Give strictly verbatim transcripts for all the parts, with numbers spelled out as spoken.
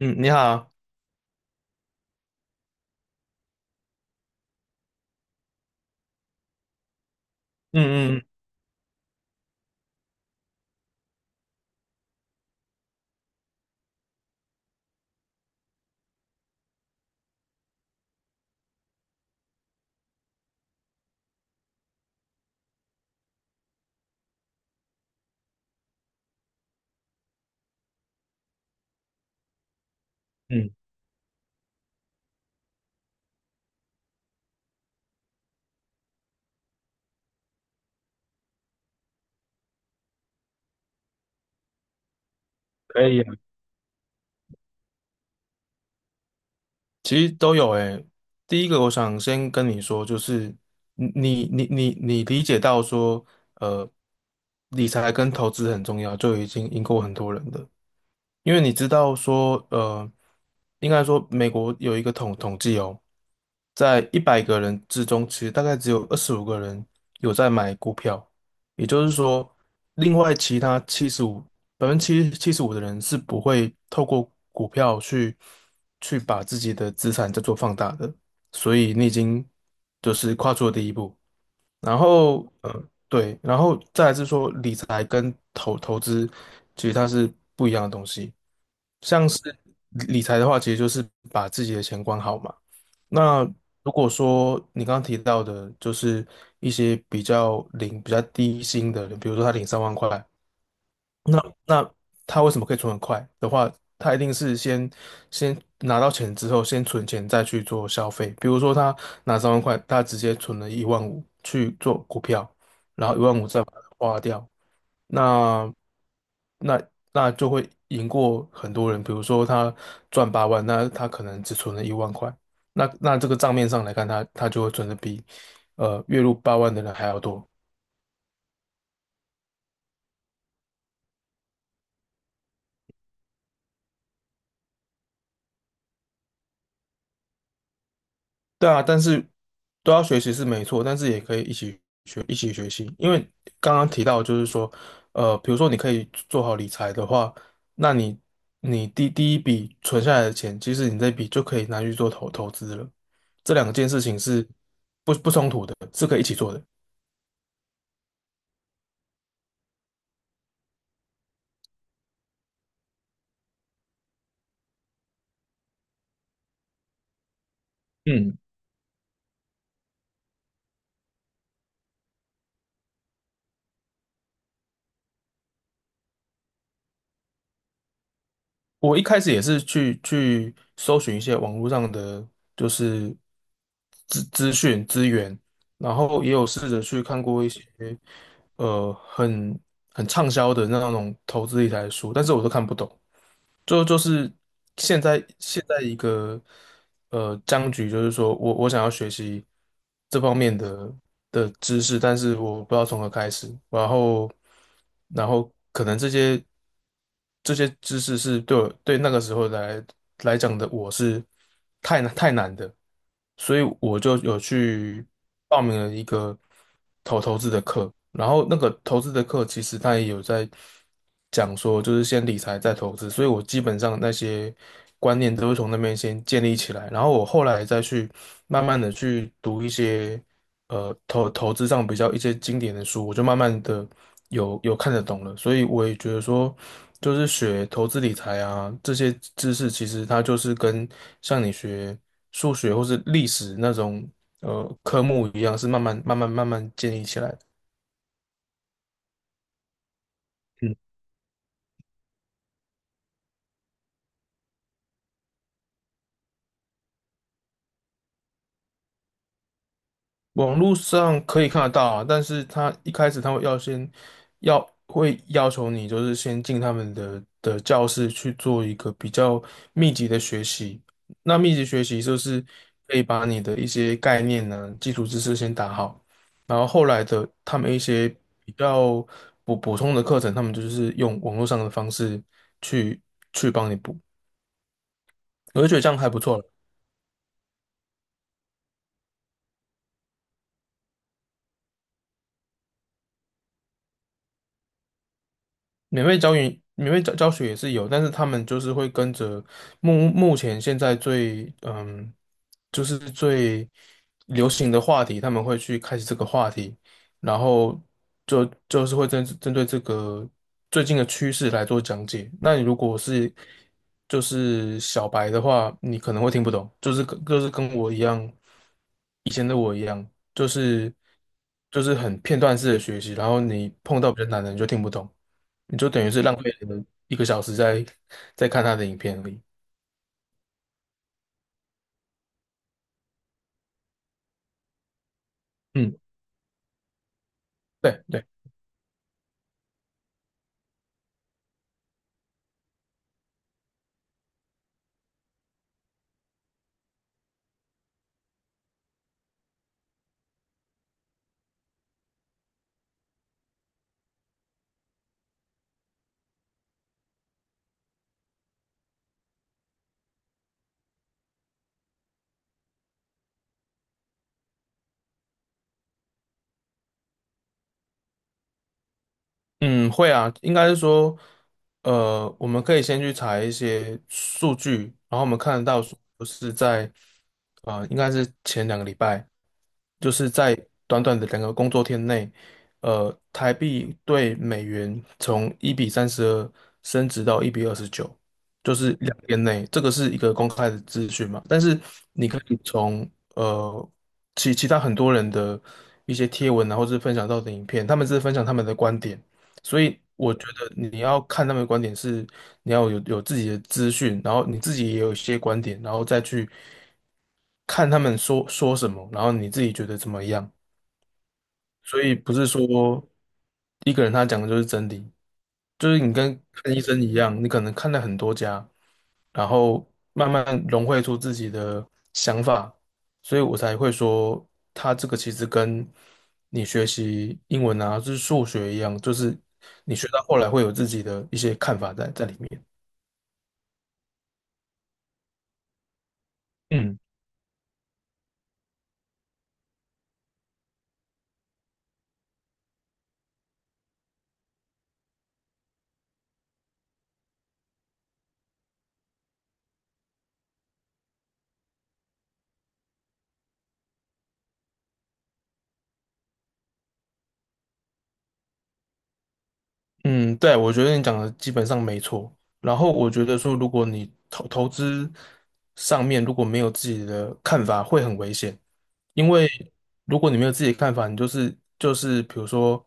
嗯，你好。嗯嗯嗯，可以啊。其实都有诶。第一个，我想先跟你说，就是你你你你理解到说，呃，理财跟投资很重要，就已经赢过很多人的。因为你知道说，呃，应该说美国有一个统统计哦，在一百个人之中，其实大概只有二十五个人有在买股票。也就是说，另外其他七十五百分之七十五的人是不会透过股票去去把自己的资产再做放大的，所以你已经就是跨出了第一步。然后，呃，对，然后再来是说理财跟投投资，其实它是不一样的东西。像是理理财的话，其实就是把自己的钱管好嘛。那如果说你刚刚提到的，就是一些比较领比较低薪的人，比如说他领三万块。那那他为什么可以存很快的话，他一定是先先拿到钱之后，先存钱再去做消费。比如说他拿三万块，他直接存了一万五去做股票，然后一万五再把它花掉，那那那就会赢过很多人。比如说他赚八万，那他可能只存了一万块，那那这个账面上来看，他他就会存的比呃月入八万的人还要多。对啊，但是都要学习是没错，但是也可以一起学，一起学习。因为刚刚提到，就是说，呃，比如说你可以做好理财的话，那你你第第一笔存下来的钱，其实你这笔就可以拿去做投投资了。这两件事情是不不冲突的，是可以一起做的。嗯，我一开始也是去去搜寻一些网络上的就是资资讯资源，然后也有试着去看过一些呃很很畅销的那种投资理财的书，但是我都看不懂。就就是现在现在一个呃僵局，就是说我我想要学习这方面的的知识，但是我不知道从何开始。然后然后可能这些这些知识是对我对那个时候来来讲的我是太难太难的，所以我就有去报名了一个投投资的课。然后那个投资的课其实他也有在讲说，就是先理财再投资，所以我基本上那些观念都是从那边先建立起来，然后我后来再去慢慢的去读一些呃投投资上比较一些经典的书，我就慢慢的有有看得懂了，所以我也觉得说，就是学投资理财啊，这些知识其实它就是跟像你学数学或是历史那种呃科目一样，是慢慢慢慢慢慢建立起来的。嗯，网络上可以看得到啊，但是他一开始他会要先要会要求你，就是先进他们的的教室去做一个比较密集的学习。那密集学习就是可以把你的一些概念呢、基础知识先打好，然后后来的他们一些比较补补充的课程，他们就是用网络上的方式去去帮你补。我就觉得这样还不错了。免费教研免费教教学也是有，但是他们就是会跟着目目前现在最嗯，就是最流行的话题，他们会去开始这个话题，然后就就是会针针对这个最近的趋势来做讲解。那你如果是就是小白的话，你可能会听不懂，就是跟就是跟我一样，以前的我一样，就是就是很片段式的学习，然后你碰到比较难的你就听不懂。你就等于是浪费了一个小时在在看他的影片而已。嗯，对对。嗯，会啊，应该是说，呃，我们可以先去查一些数据，然后我们看得到说是在，呃，应该是前两个礼拜，就是在短短的两个工作天内，呃，台币对美元从一比三十二升值到一比二十九，就是两天内，这个是一个公开的资讯嘛。但是你可以从呃其其他很多人的一些贴文啊，然后是分享到的影片，他们是分享他们的观点。所以我觉得你要看他们的观点是，你要有有自己的资讯，然后你自己也有一些观点，然后再去看他们说说什么，然后你自己觉得怎么样。所以不是说一个人他讲的就是真理，就是你跟看医生一样，你可能看了很多家，然后慢慢融汇出自己的想法，所以我才会说，他这个其实跟你学习英文啊，就是数学一样，就是你学到后来会有自己的一些看法在在里面。嗯。嗯，对，我觉得你讲的基本上没错。然后我觉得说，如果你投投资上面如果没有自己的看法，会很危险。因为如果你没有自己的看法，你就是就是比如说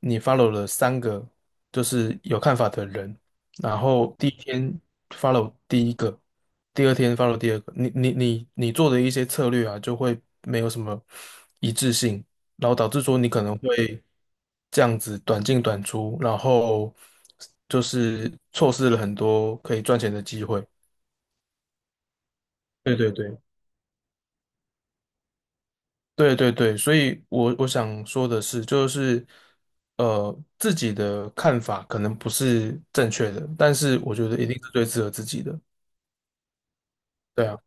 你 follow 了三个就是有看法的人，然后第一天 follow 第一个，第二天 follow 第二个，你你你你做的一些策略啊，就会没有什么一致性，然后导致说你可能会这样子短进短出，然后就是错失了很多可以赚钱的机会。对对对。对对对，所以我我想说的是，就是呃，自己的看法可能不是正确的，但是我觉得一定是最适合自己的。对啊。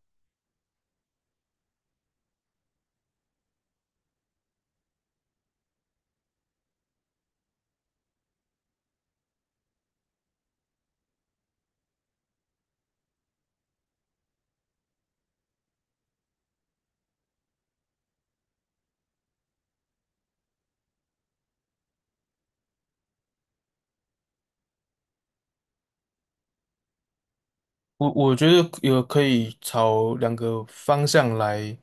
我我觉得有可以朝两个方向来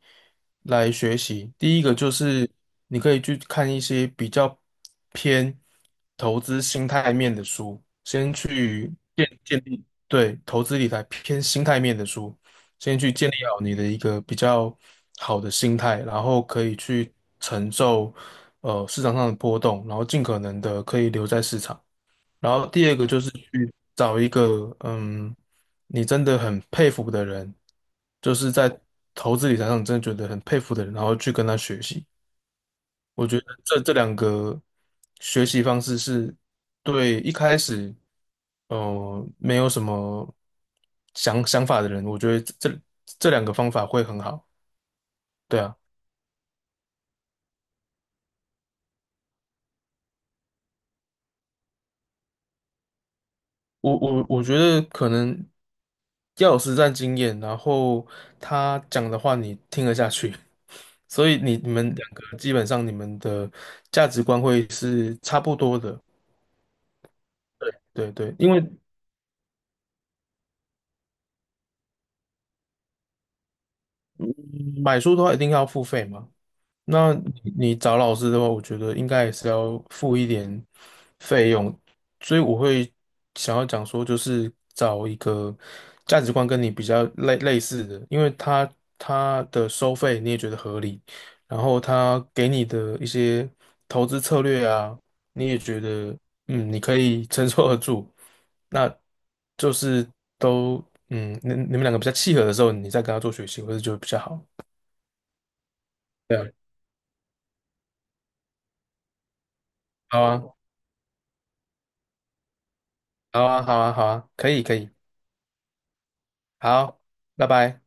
来学习。第一个就是你可以去看一些比较偏投资心态面的书，先去建建立对投资理财偏心态面的书，先去建立好你的一个比较好的心态，然后可以去承受呃市场上的波动，然后尽可能的可以留在市场。然后第二个就是去找一个嗯，你真的很佩服的人，就是在投资理财上你真的觉得很佩服的人，然后去跟他学习。我觉得这这两个学习方式是对一开始呃没有什么想想法的人，我觉得这这这两个方法会很好。对啊，我我我觉得可能要有实战经验，然后他讲的话你听得下去。所以你你们两个基本上你们的价值观会是差不多的。对对，因为买书的话一定要付费嘛，那你你找老师的话，我觉得应该也是要付一点费用，所以我会想要讲说，就是找一个价值观跟你比较类类似的，因为他他的收费你也觉得合理，然后他给你的一些投资策略啊，你也觉得嗯你可以承受得住，那就是都嗯你你们两个比较契合的时候，你再跟他做学习，或者就比较好。对啊，好啊。好啊，好啊，好啊，可以，可以，好，拜拜。